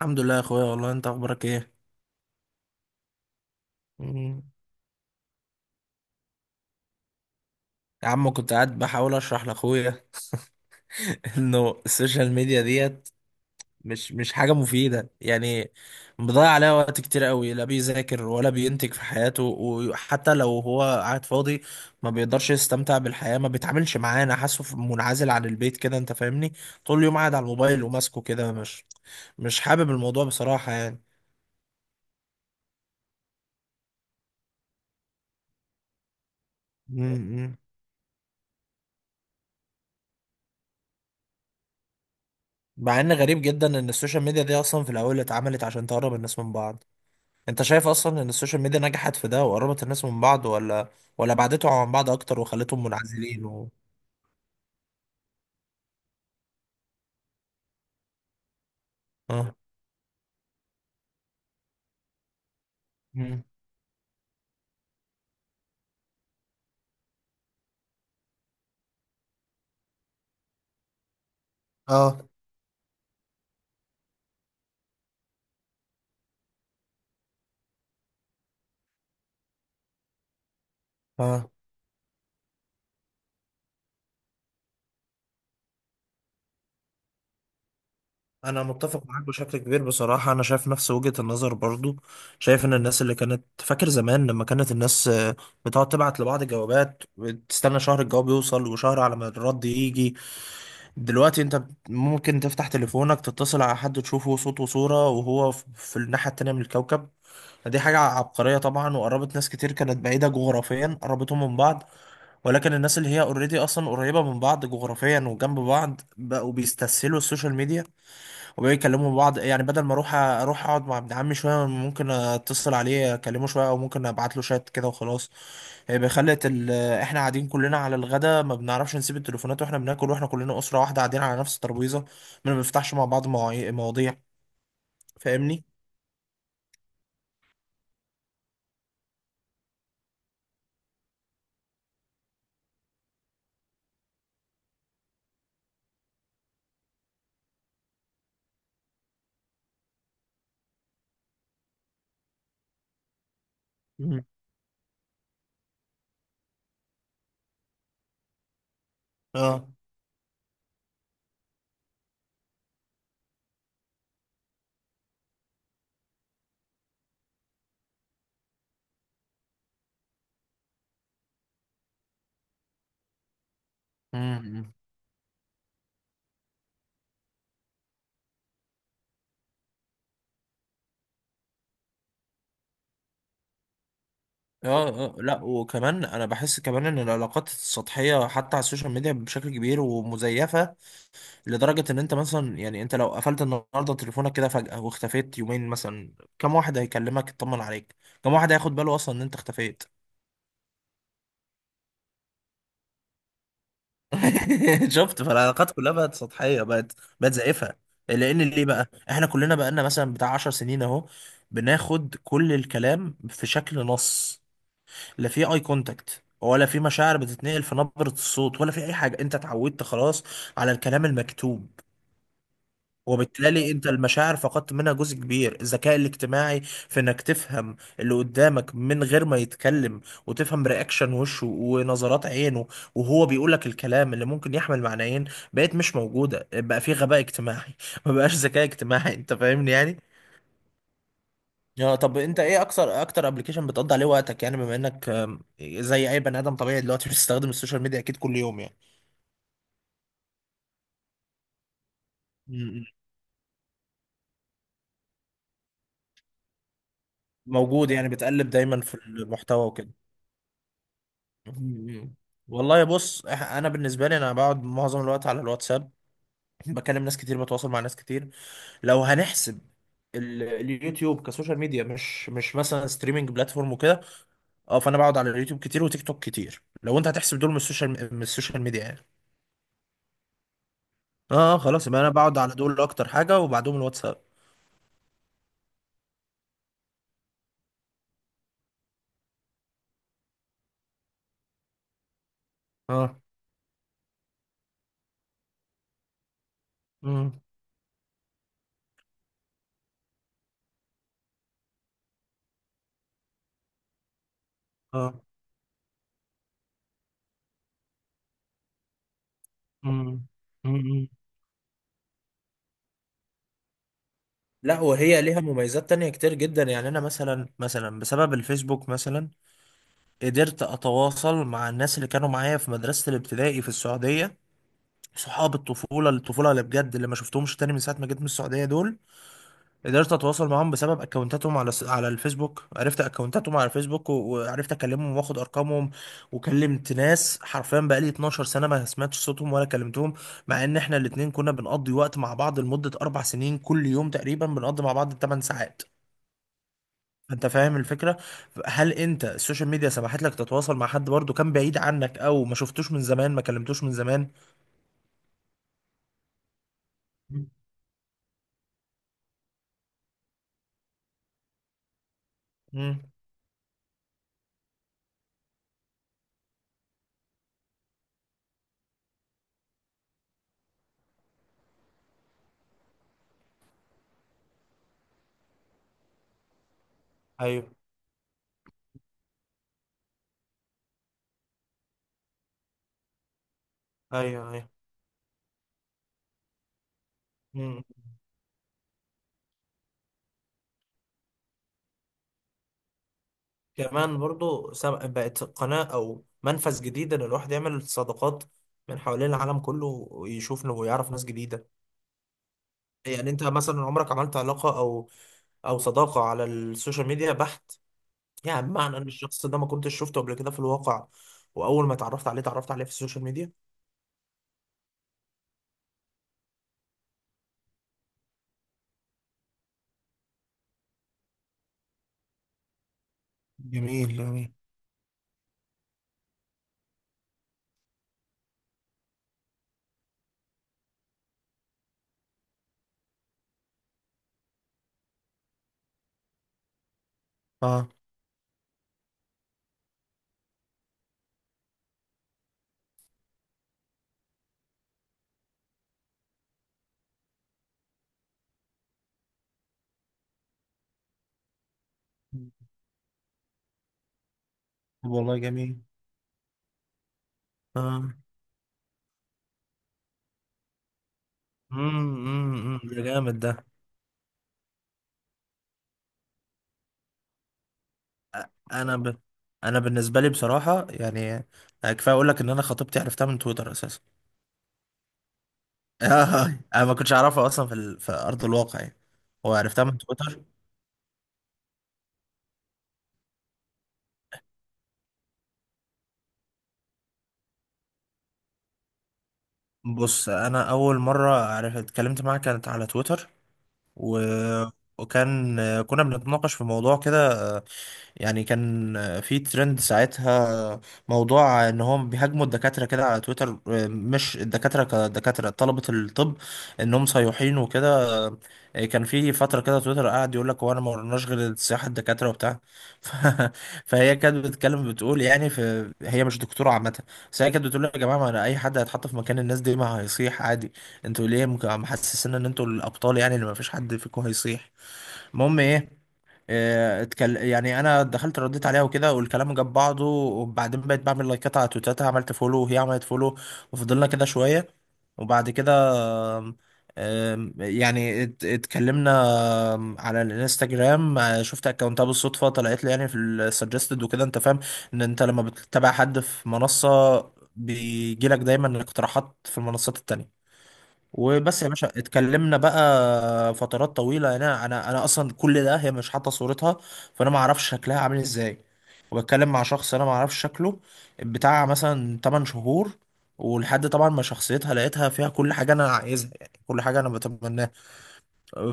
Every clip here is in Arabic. الحمد لله يا اخويا، والله انت اخبارك ايه؟ مم. يا عم كنت قاعد بحاول اشرح لاخويا انه السوشيال ميديا ديت مش حاجه مفيده، يعني مضيع عليها وقت كتير قوي، لا بيذاكر ولا بينتج في حياته، وحتى لو هو قاعد فاضي ما بيقدرش يستمتع بالحياه، ما بيتعاملش معانا، حاسه منعزل عن البيت كده، انت فاهمني؟ طول اليوم قاعد على الموبايل وماسكه كده، مش حابب الموضوع بصراحه يعني. مم. مم. مع ان غريب جدا ان السوشيال ميديا دي اصلا في الاول اتعملت عشان تقرب الناس من بعض. انت شايف اصلا ان السوشيال ميديا نجحت في ده وقربت الناس من بعض، ولا بعدتهم عن بعض اكتر وخلتهم منعزلين و... اه. مم. اه اه، انا متفق معاك بشكل كبير بصراحه، انا شايف نفس وجهه النظر برضو. شايف ان الناس اللي كانت، فاكر زمان لما كانت الناس بتقعد تبعت لبعض جوابات وتستنى شهر الجواب يوصل وشهر على ما الرد يجي. دلوقتي انت ممكن تفتح تليفونك تتصل على حد تشوفه صوت وصوره وهو في الناحيه التانيه من الكوكب. دي حاجة عبقرية طبعا، وقربت ناس كتير كانت بعيدة جغرافيا، قربتهم من بعض. ولكن الناس اللي هي اوريدي أصلا قريبة من بعض جغرافيا وجنب بعض بقوا بيستسهلوا السوشيال ميديا، وبقوا يكلموا بعض. يعني بدل ما أروح أقعد مع ابن عمي شوية، ممكن أتصل عليه أكلمه شوية، أو ممكن أبعت له شات كده وخلاص. هيبقى خلت إحنا قاعدين كلنا على الغدا ما بنعرفش نسيب التليفونات وإحنا بناكل، وإحنا كلنا أسرة واحدة قاعدين على نفس الترابيزة، ما بنفتحش مع بعض مواضيع. فاهمني؟ مم. اه. مم. اه اه، لا وكمان انا بحس كمان ان العلاقات السطحيه حتى على السوشيال ميديا بشكل كبير ومزيفه، لدرجه ان انت مثلا، يعني انت لو قفلت النهارده تليفونك كده فجاه واختفيت يومين مثلا، كم واحد هيكلمك يطمن عليك؟ كم واحد هياخد باله اصلا ان انت اختفيت؟ شفت؟ فالعلاقات كلها بقت سطحيه، بقت زائفه. لان ليه بقى؟ احنا كلنا بقالنا مثلا بتاع 10 سنين اهو بناخد كل الكلام في شكل نص، لا في اي كونتاكت، ولا في مشاعر بتتنقل في نبرة الصوت، ولا في اي حاجة. انت اتعودت خلاص على الكلام المكتوب، وبالتالي انت المشاعر فقدت منها جزء كبير. الذكاء الاجتماعي في انك تفهم اللي قدامك من غير ما يتكلم، وتفهم رياكشن وشه ونظرات عينه وهو بيقول لك الكلام اللي ممكن يحمل معنيين، بقت مش موجودة. بقى في غباء اجتماعي ما بقاش ذكاء اجتماعي، انت فاهمني يعني. اه. طب انت ايه اكتر ابلكيشن بتقضي عليه وقتك؟ يعني بما انك زي اي بني ادم طبيعي دلوقتي بتستخدم السوشيال ميديا اكيد كل يوم يعني. م- م. موجود يعني، بتقلب دايما في المحتوى وكده. م- م. والله بص، انا بالنسبه لي انا بقعد معظم الوقت على الواتساب، بكلم ناس كتير، بتواصل مع ناس كتير. لو هنحسب اليوتيوب كسوشيال ميديا، مش مثلا ستريمنج بلاتفورم وكده، اه، فانا بقعد على اليوتيوب كتير وتيك توك كتير لو انت هتحسب دول من السوشيال من السوشيال ميديا يعني. اه، خلاص يبقى انا بقعد على دول اكتر حاجه وبعدهم الواتساب. اه. امم. اه. امم. امم. لا، وهي ليها مميزات تانية كتير جدا. يعني انا مثلا، بسبب الفيسبوك مثلا قدرت اتواصل مع الناس اللي كانوا معايا في مدرسة الابتدائي في السعودية، صحاب الطفولة، اللي بجد اللي ما شفتهمش تاني من ساعة ما جيت من السعودية، دول قدرت اتواصل معاهم بسبب اكونتاتهم على على الفيسبوك، عرفت اكونتاتهم على الفيسبوك وعرفت اكلمهم واخد ارقامهم. وكلمت ناس حرفيا بقالي 12 سنه ما سمعتش صوتهم ولا كلمتهم، مع ان احنا الاتنين كنا بنقضي وقت مع بعض لمده 4 سنين، كل يوم تقريبا بنقضي مع بعض 8 ساعات. انت فاهم الفكره؟ هل انت السوشيال ميديا سمحت لك تتواصل مع حد برضه كان بعيد عنك او ما شفتوش من زمان ما كلمتوش من زمان؟ امم. ايوه ايوه ايوه. كمان برضو، بقت قناة أو منفذ جديد إن الواحد يعمل صداقات من حوالين العالم كله، ويشوف إنه يعرف ناس جديدة. يعني أنت مثلا عمرك عملت علاقة أو صداقة على السوشيال ميديا بحت، يعني بمعنى إن الشخص ده ما كنتش شفته قبل كده في الواقع، وأول ما اتعرفت عليه في السوشيال ميديا؟ جميل جميل. اه. طب والله جميل. اه. امم. امم. ده جامد ده. انا ب... انا بالنسبه لي بصراحه، يعني يعني كفايه اقول لك ان انا خطيبتي عرفتها من تويتر اساسا. آه، انا ما كنتش اعرفها اصلا في ارض الواقع يعني، وعرفتها من تويتر. بص، انا اول مره عرفت اتكلمت معاها كانت على تويتر و... وكان كنا بنتناقش في موضوع كده، يعني كان في ترند ساعتها، موضوع ان هم بيهاجموا الدكاترة كده على تويتر، مش الدكاترة كدكاترة، طلبة الطب انهم صيحين وكده. كان في فترة كده تويتر قاعد يقول لك، هو انا ما ورناش غير السياحة الدكاترة وبتاع ف... فهي كانت بتتكلم بتقول يعني، في... هي مش دكتورة عامة، بس هي كانت بتقول يا جماعة، ما انا اي حد هيتحط في مكان الناس دي ما هيصيح عادي. انتوا ليه محسسين ان انتوا الابطال يعني، اللي ما فيش حد فيكم هيصيح؟ المهم ايه. اه، يعني انا دخلت رديت عليها وكده والكلام جاب بعضه. وبعدين بقيت بعمل لايكات على تويتاتها، عملت فولو وهي عملت فولو، وفضلنا كده شويه. وبعد كده ام، ام، يعني اتكلمنا على الانستجرام. اه، شفت اكونتها بالصدفه، طلعت لي يعني في السجستد وكده. انت فاهم ان انت لما بتتابع حد في منصه بيجيلك دايما اقتراحات في المنصات التانية. وبس يا باشا، اتكلمنا بقى فترات طويلة، يعني انا اصلا كل ده هي مش حاطة صورتها، فانا ما اعرفش شكلها عامل ازاي، وبتكلم مع شخص انا ما اعرفش شكله بتاع مثلا 8 شهور. ولحد طبعا ما شخصيتها لقيتها فيها كل حاجة انا عايزها، يعني كل حاجة انا بتمناها.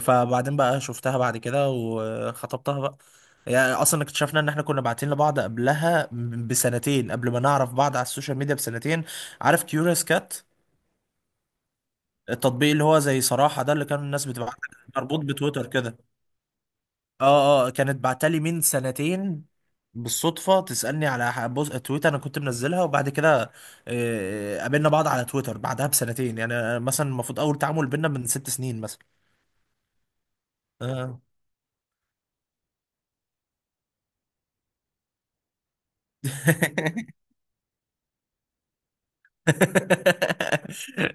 فبعدين بقى شفتها بعد كده وخطبتها بقى. يعني اصلا اكتشفنا ان احنا كنا باعتين لبعض قبلها بسنتين، قبل ما نعرف بعض على السوشيال ميديا بسنتين. عارف كيوريوس كات، التطبيق اللي هو زي صراحة ده اللي كان الناس بتبعت، مربوط بتويتر كده؟ اه اه، كانت بعتلي من سنتين بالصدفة تسألني على بوز تويتر انا كنت منزلها. وبعد كده قابلنا بعض على تويتر بعدها بسنتين، يعني أنا مثلا المفروض اول تعامل بينا من 6 سنين مثلا. آه.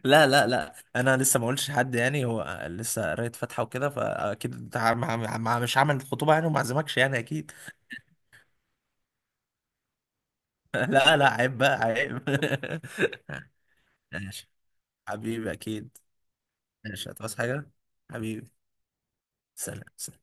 لا لا لا، انا لسه ما قلتش لحد يعني، هو لسه قرايه فاتحه وكده فاكيد انت مش هعمل خطوبه يعني وما اعزمكش يعني اكيد. لا لا عيب بقى عيب. ماشي حبيبي أكيد. ماشي هتعوز حاجة حبيبي؟ سلام.